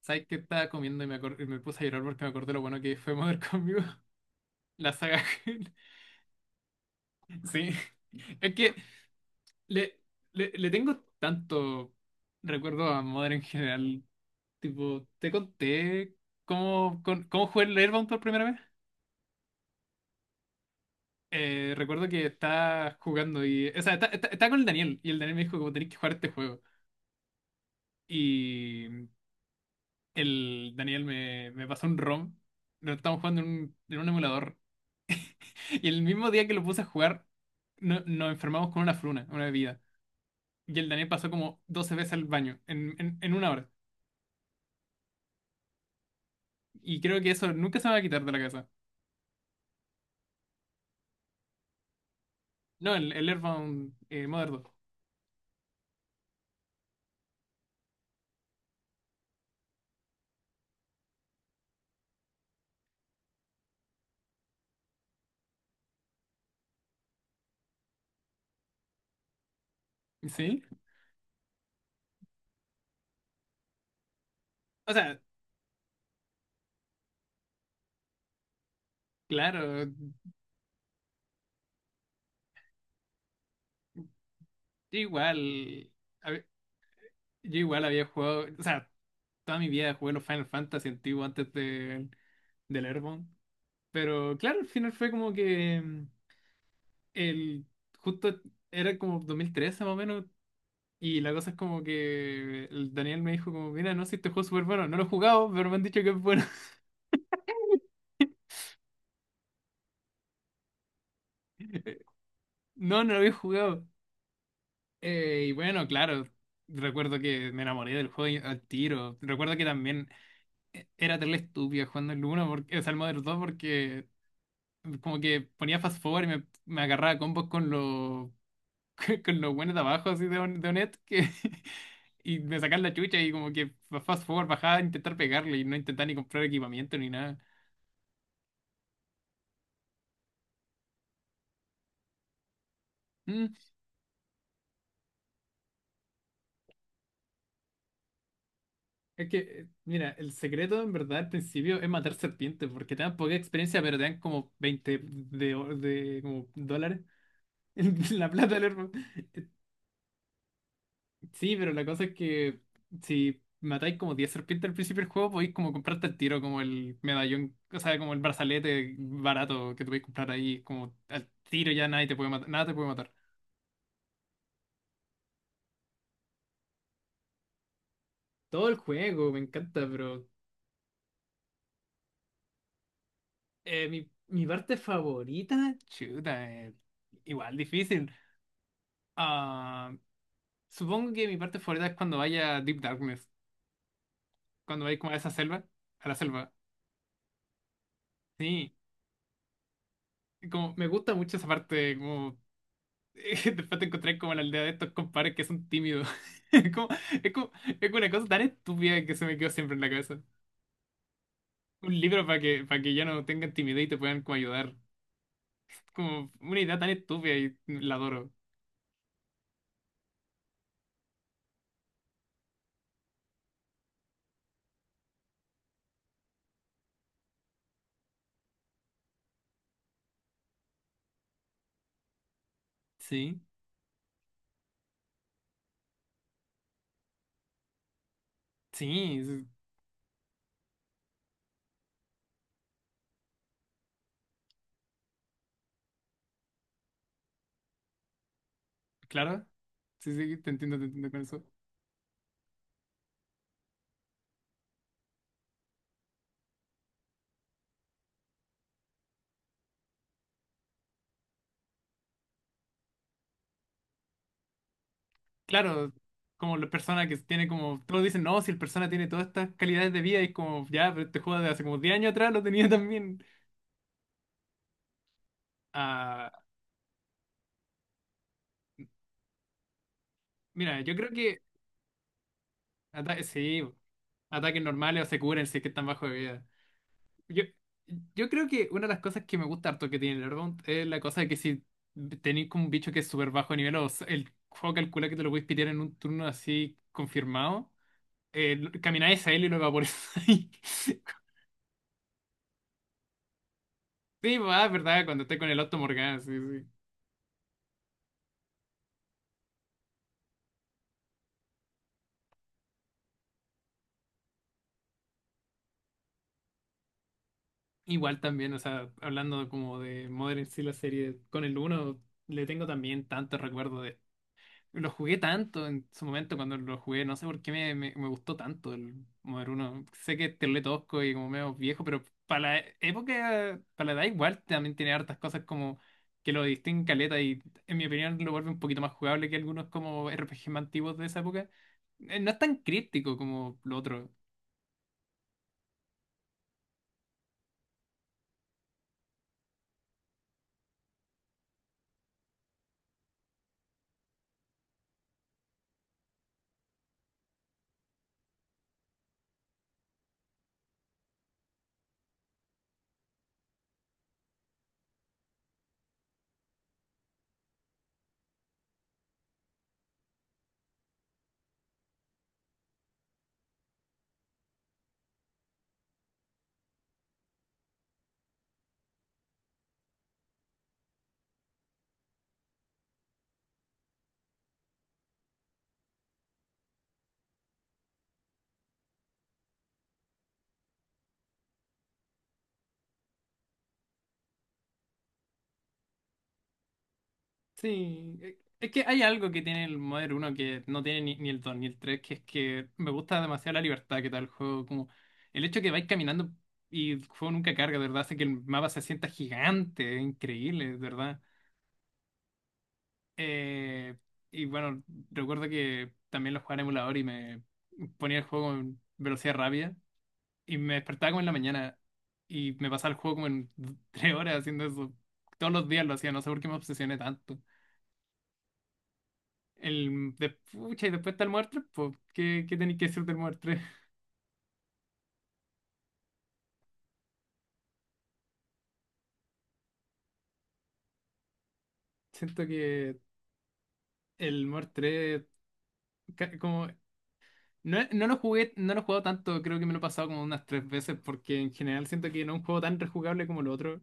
¿Sabes qué? Estaba comiendo y me puse a llorar porque me acordé lo bueno que fue Mother conmigo. La saga Hell. Sí, es que le, le tengo tanto recuerdo a Mother en general. Tipo, te conté cómo jugué el Airbound por primera vez. Recuerdo que estaba jugando y... O sea, estaba con el Daniel y el Daniel me dijo como tenéis que jugar este juego. Y el Daniel me pasó un ROM. Lo estábamos jugando en un emulador. Y el mismo día que lo puse a jugar, nos enfermamos con una fruna, una bebida. Y el Daniel pasó como 12 veces al baño en, una hora. Y creo que eso nunca se me va a quitar de la casa. No, el Earthbound, Mother 2. ¿Sí? O sea, claro, yo igual. A ver, yo igual había jugado. O sea, toda mi vida jugué los Final Fantasy antiguos antes del Earthbound. Pero claro, al final fue como que mm, el. Justo era como 2013 más o menos. Y la cosa es como que el Daniel me dijo como, mira, no sé, este juego es súper bueno. No lo he jugado, pero me han dicho que es bueno. No, no lo había jugado. Y bueno, claro, recuerdo que me enamoré del juego al tiro. Recuerdo que también era terrible estúpida jugando el 1, porque, o sea, el Modern 2, porque como que ponía fast forward y me agarraba combos con los con los buenos de abajo, así de, de Onet, que... Y me sacaban la chucha y como que fast forward bajaba a intentar pegarle y no intentaba ni comprar equipamiento ni nada. Mm. Es que, mira, el secreto en verdad al principio es matar serpientes, porque te dan poca experiencia, pero te dan como 20 de, de como dólares en la plata del hermano. Eh, Sí, pero la cosa es que si matáis como 10 serpientes al principio del juego, podéis como comprarte al tiro, como el medallón, o sea, como el brazalete barato que te podéis comprar ahí, como al tiro ya nadie te puede matar, nada te puede matar. Todo el juego me encanta, pero mi parte favorita, chuta, igual difícil. Ah, supongo que mi parte favorita es cuando vaya a Deep Darkness, cuando vaya como a esa selva, a la selva. Sí, como me gusta mucho esa parte, como después te encontré como en la aldea de estos compadres que son tímidos. Es como, es como, es una cosa tan estúpida que se me quedó siempre en la cabeza. Un libro para para que ya no tengan timidez y te puedan como ayudar. Como una idea tan estúpida y la adoro. Sí, sí, sí, claro. Sí, sí, te entiendo con eso. Claro, como la persona que tiene como, todos dicen, no, si el persona tiene todas estas calidades de vida y es como, ya, pero este juego de hace como 10 años atrás lo tenía también. Ah, mira, yo creo que... Sí, ataques normales o se curan si es que están bajo de vida. Yo, yo creo que una de las cosas que me gusta harto que tiene el Earthbound es la cosa de que si tenéis como un bicho que es súper bajo de nivel o el juego calcula que te lo puedes pitear en un turno así confirmado, camináis a él y lo evaporáis. Sí, va, es verdad, cuando esté con el Auto Morgana, sí, sí. Igual también, o sea, hablando como de Modern sí, la serie con el uno le tengo también tanto recuerdo de... Lo jugué tanto en su momento cuando lo jugué, no sé por qué me gustó tanto el Modern uno. Sé que es tosco y como medio viejo, pero para la época, para la edad igual también tiene hartas cosas como que lo distinguen caleta y en mi opinión lo vuelve un poquito más jugable que algunos como RPG más antiguos de esa época. No es tan crítico como lo otro. Sí, es que hay algo que tiene el Modern 1 que no tiene ni el 2 ni el 3, que es que me gusta demasiado la libertad que da el juego. Como el hecho que vais caminando y el juego nunca carga, de verdad, hace que el mapa se sienta gigante, es increíble, de verdad. Eh, y bueno, recuerdo que también lo jugaba en emulador y me ponía el juego en velocidad rápida y me despertaba como en la mañana y me pasaba el juego como en tres horas haciendo eso. Todos los días lo hacía, no sé por qué me obsesioné tanto. El de, pucha, y después está el Muer 3, pues, ¿qué, qué tenéis que decir del Muer 3? Siento que el Muer 3, ca- como, no, no lo jugué, no lo he jugado tanto, creo que me lo he pasado como unas tres veces, porque en general siento que no es un juego tan rejugable como el otro,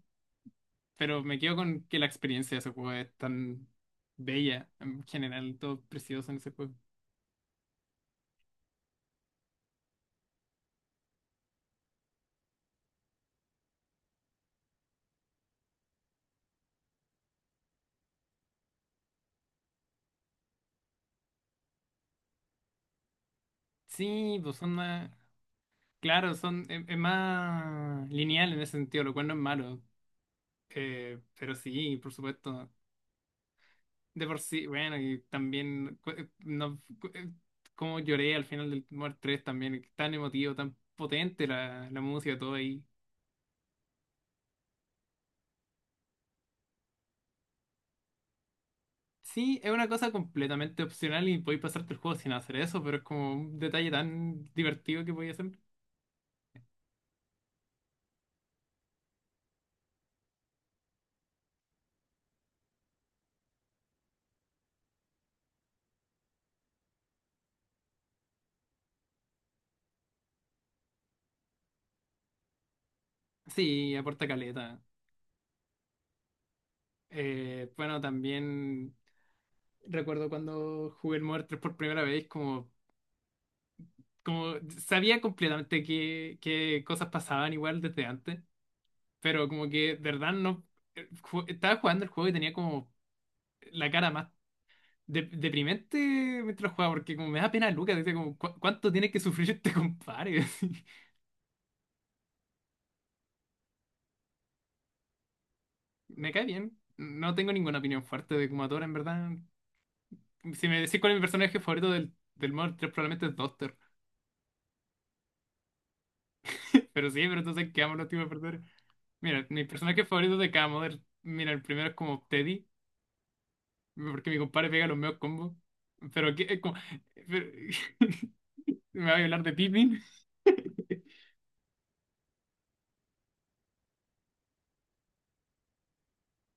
pero me quedo con que la experiencia de ese juego es tan bella, en general, todo precioso en ese juego. Sí, pues son más, claro, es más lineal en ese sentido, lo cual no es malo, pero sí, por supuesto. De por sí, bueno, y también cu- no, cu- como lloré al final del Mort 3 también, tan emotivo, tan potente la música, todo ahí. Sí, es una cosa completamente opcional y podéis pasarte el juego sin hacer eso, pero es como un detalle tan divertido que podéis hacer. Sí, aporta caleta. Bueno, también recuerdo cuando jugué el Mort 3 por primera vez, como sabía completamente qué cosas pasaban igual desde antes. Pero como que, de verdad, no. Estaba jugando el juego y tenía como la cara más deprimente mientras jugaba, porque como me da pena Lucas, decía como, ¿cuánto tiene que sufrir este compadre?" Así. Me cae bien. No tengo ninguna opinión fuerte de Kumatora, en verdad. Si me decís cuál es mi personaje favorito del Modern 3 probablemente es Doctor. Pero sí, pero entonces quedamos los tipos de perder. Mira, mi personaje favorito de cada Modern, mira, el primero es como Teddy, porque mi compadre pega los mejores combos. Pero que, es como, pero- me va a hablar de Pippin,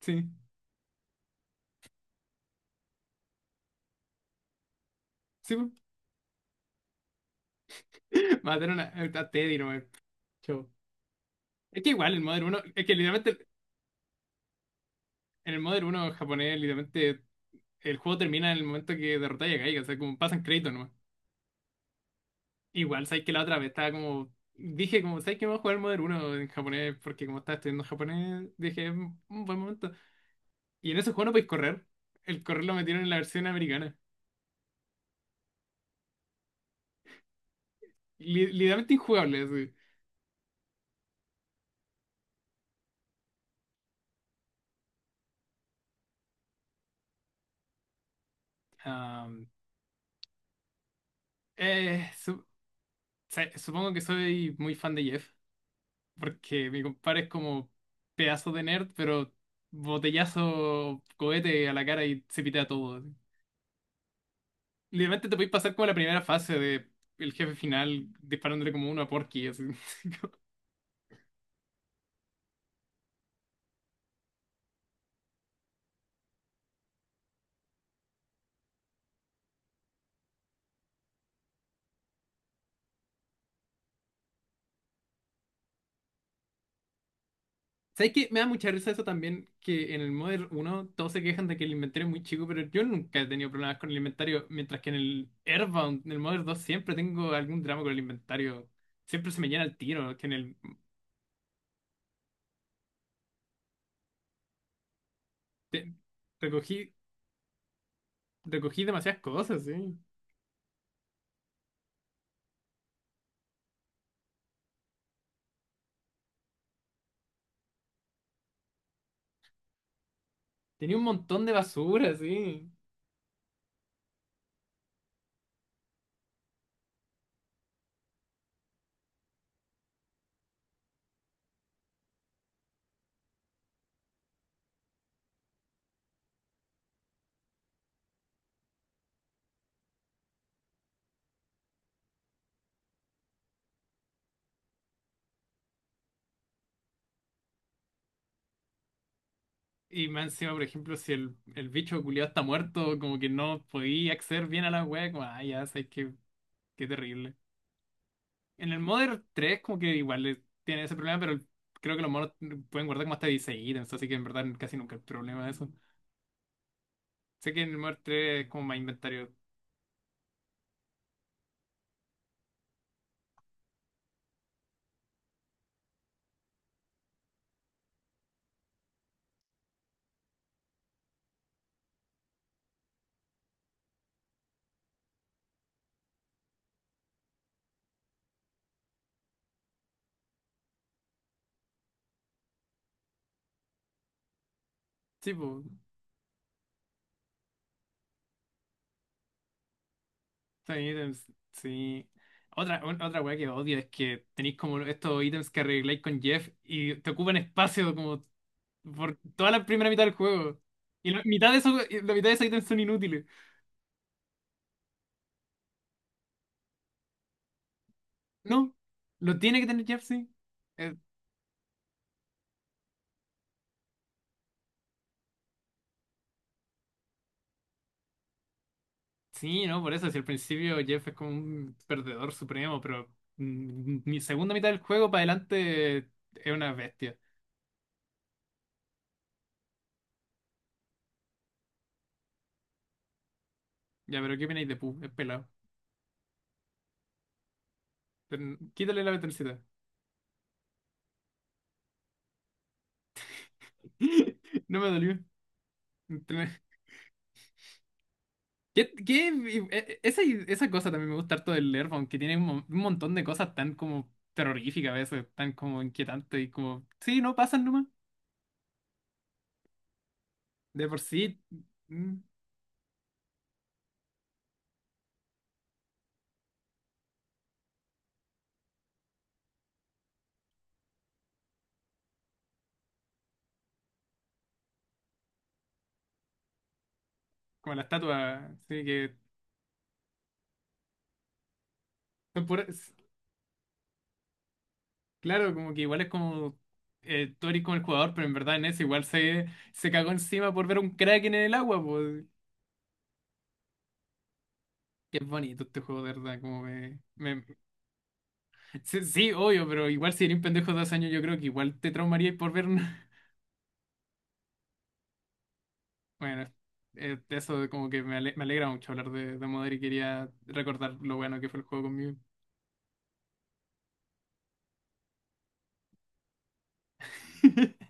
sí. Sí, po. Matar a una, a Teddy nomás. Chao. Es que igual el Modern uno es que literalmente en el Modern uno japonés, literalmente el juego termina en el momento que derrotáis a Gaiga, o sea, como pasan créditos nomás. Igual, sabes que la otra vez estaba como, dije como, sabes que vamos a jugar el Modern uno en japonés, porque como estaba estudiando japonés, dije, es un buen momento. Y en ese juego no podéis correr, el correr lo metieron en la versión americana. Literalmente injugable, así. Am, eh, su- Supongo que soy muy fan de Jeff, porque mi compadre es como pedazo de nerd, pero botellazo, cohete a la cara y se pitea todo. Así. Literalmente te podéis pasar como la primera fase de el jefe final disparándole como uno a Porky. Así. ¿Sabes qué? Me da mucha risa eso también, que en el Modern uno todos se quejan de que el inventario es muy chico, pero yo nunca he tenido problemas con el inventario, mientras que en el Airbound, en el Modern 2, siempre tengo algún drama con el inventario. Siempre se me llena el tiro, que en el... te- Recogí, recogí demasiadas cosas, sí. Tenía un montón de basura, sí. Y más encima, por ejemplo, si el bicho culiado está muerto, como que no podía acceder bien a la wea, como, ah, ya, sabes que qué terrible. En el Modern 3 como que igual tiene ese problema, pero creo que los monos pueden guardar como hasta 16 ítems, así que en verdad casi nunca hay problema de eso. Sé que en el Modern tres es como más inventario. Sí, pues, 6 ítems, sí. Otra, otra wea que odio es que tenéis como estos ítems que arregláis con Jeff y te ocupan espacio, como por toda la primera mitad del juego. Y la mitad de esos, y la mitad de esos ítems son inútiles. No, lo tiene que tener Jeff, sí. Eh, sí, no, por eso, si al principio Jeff es como un perdedor supremo, pero mi segunda mitad del juego para adelante es una bestia. Ya, pero ¿qué opináis de Pu? Es pelado. Quítale la vetercita. No me dolió. ¿Qué, qué- eh, esa, Esa cosa también me gusta harto del Airbound, que tiene un, un montón de cosas tan como terroríficas a veces, tan como inquietantes y como, sí, no pasan nomás. De por sí, mm, como la estatua, sí, que son claro, como que igual es como tú eres como el jugador, pero en verdad en ese igual se cagó encima por ver un Kraken en el agua, pues. Qué bonito este juego, de verdad, Sí, sí, obvio, pero igual si eres un pendejo de 2 años, yo creo que igual te traumaría por ver un... Bueno, eso de como que me alegra mucho hablar de Modern y quería recordar lo bueno que fue el juego conmigo.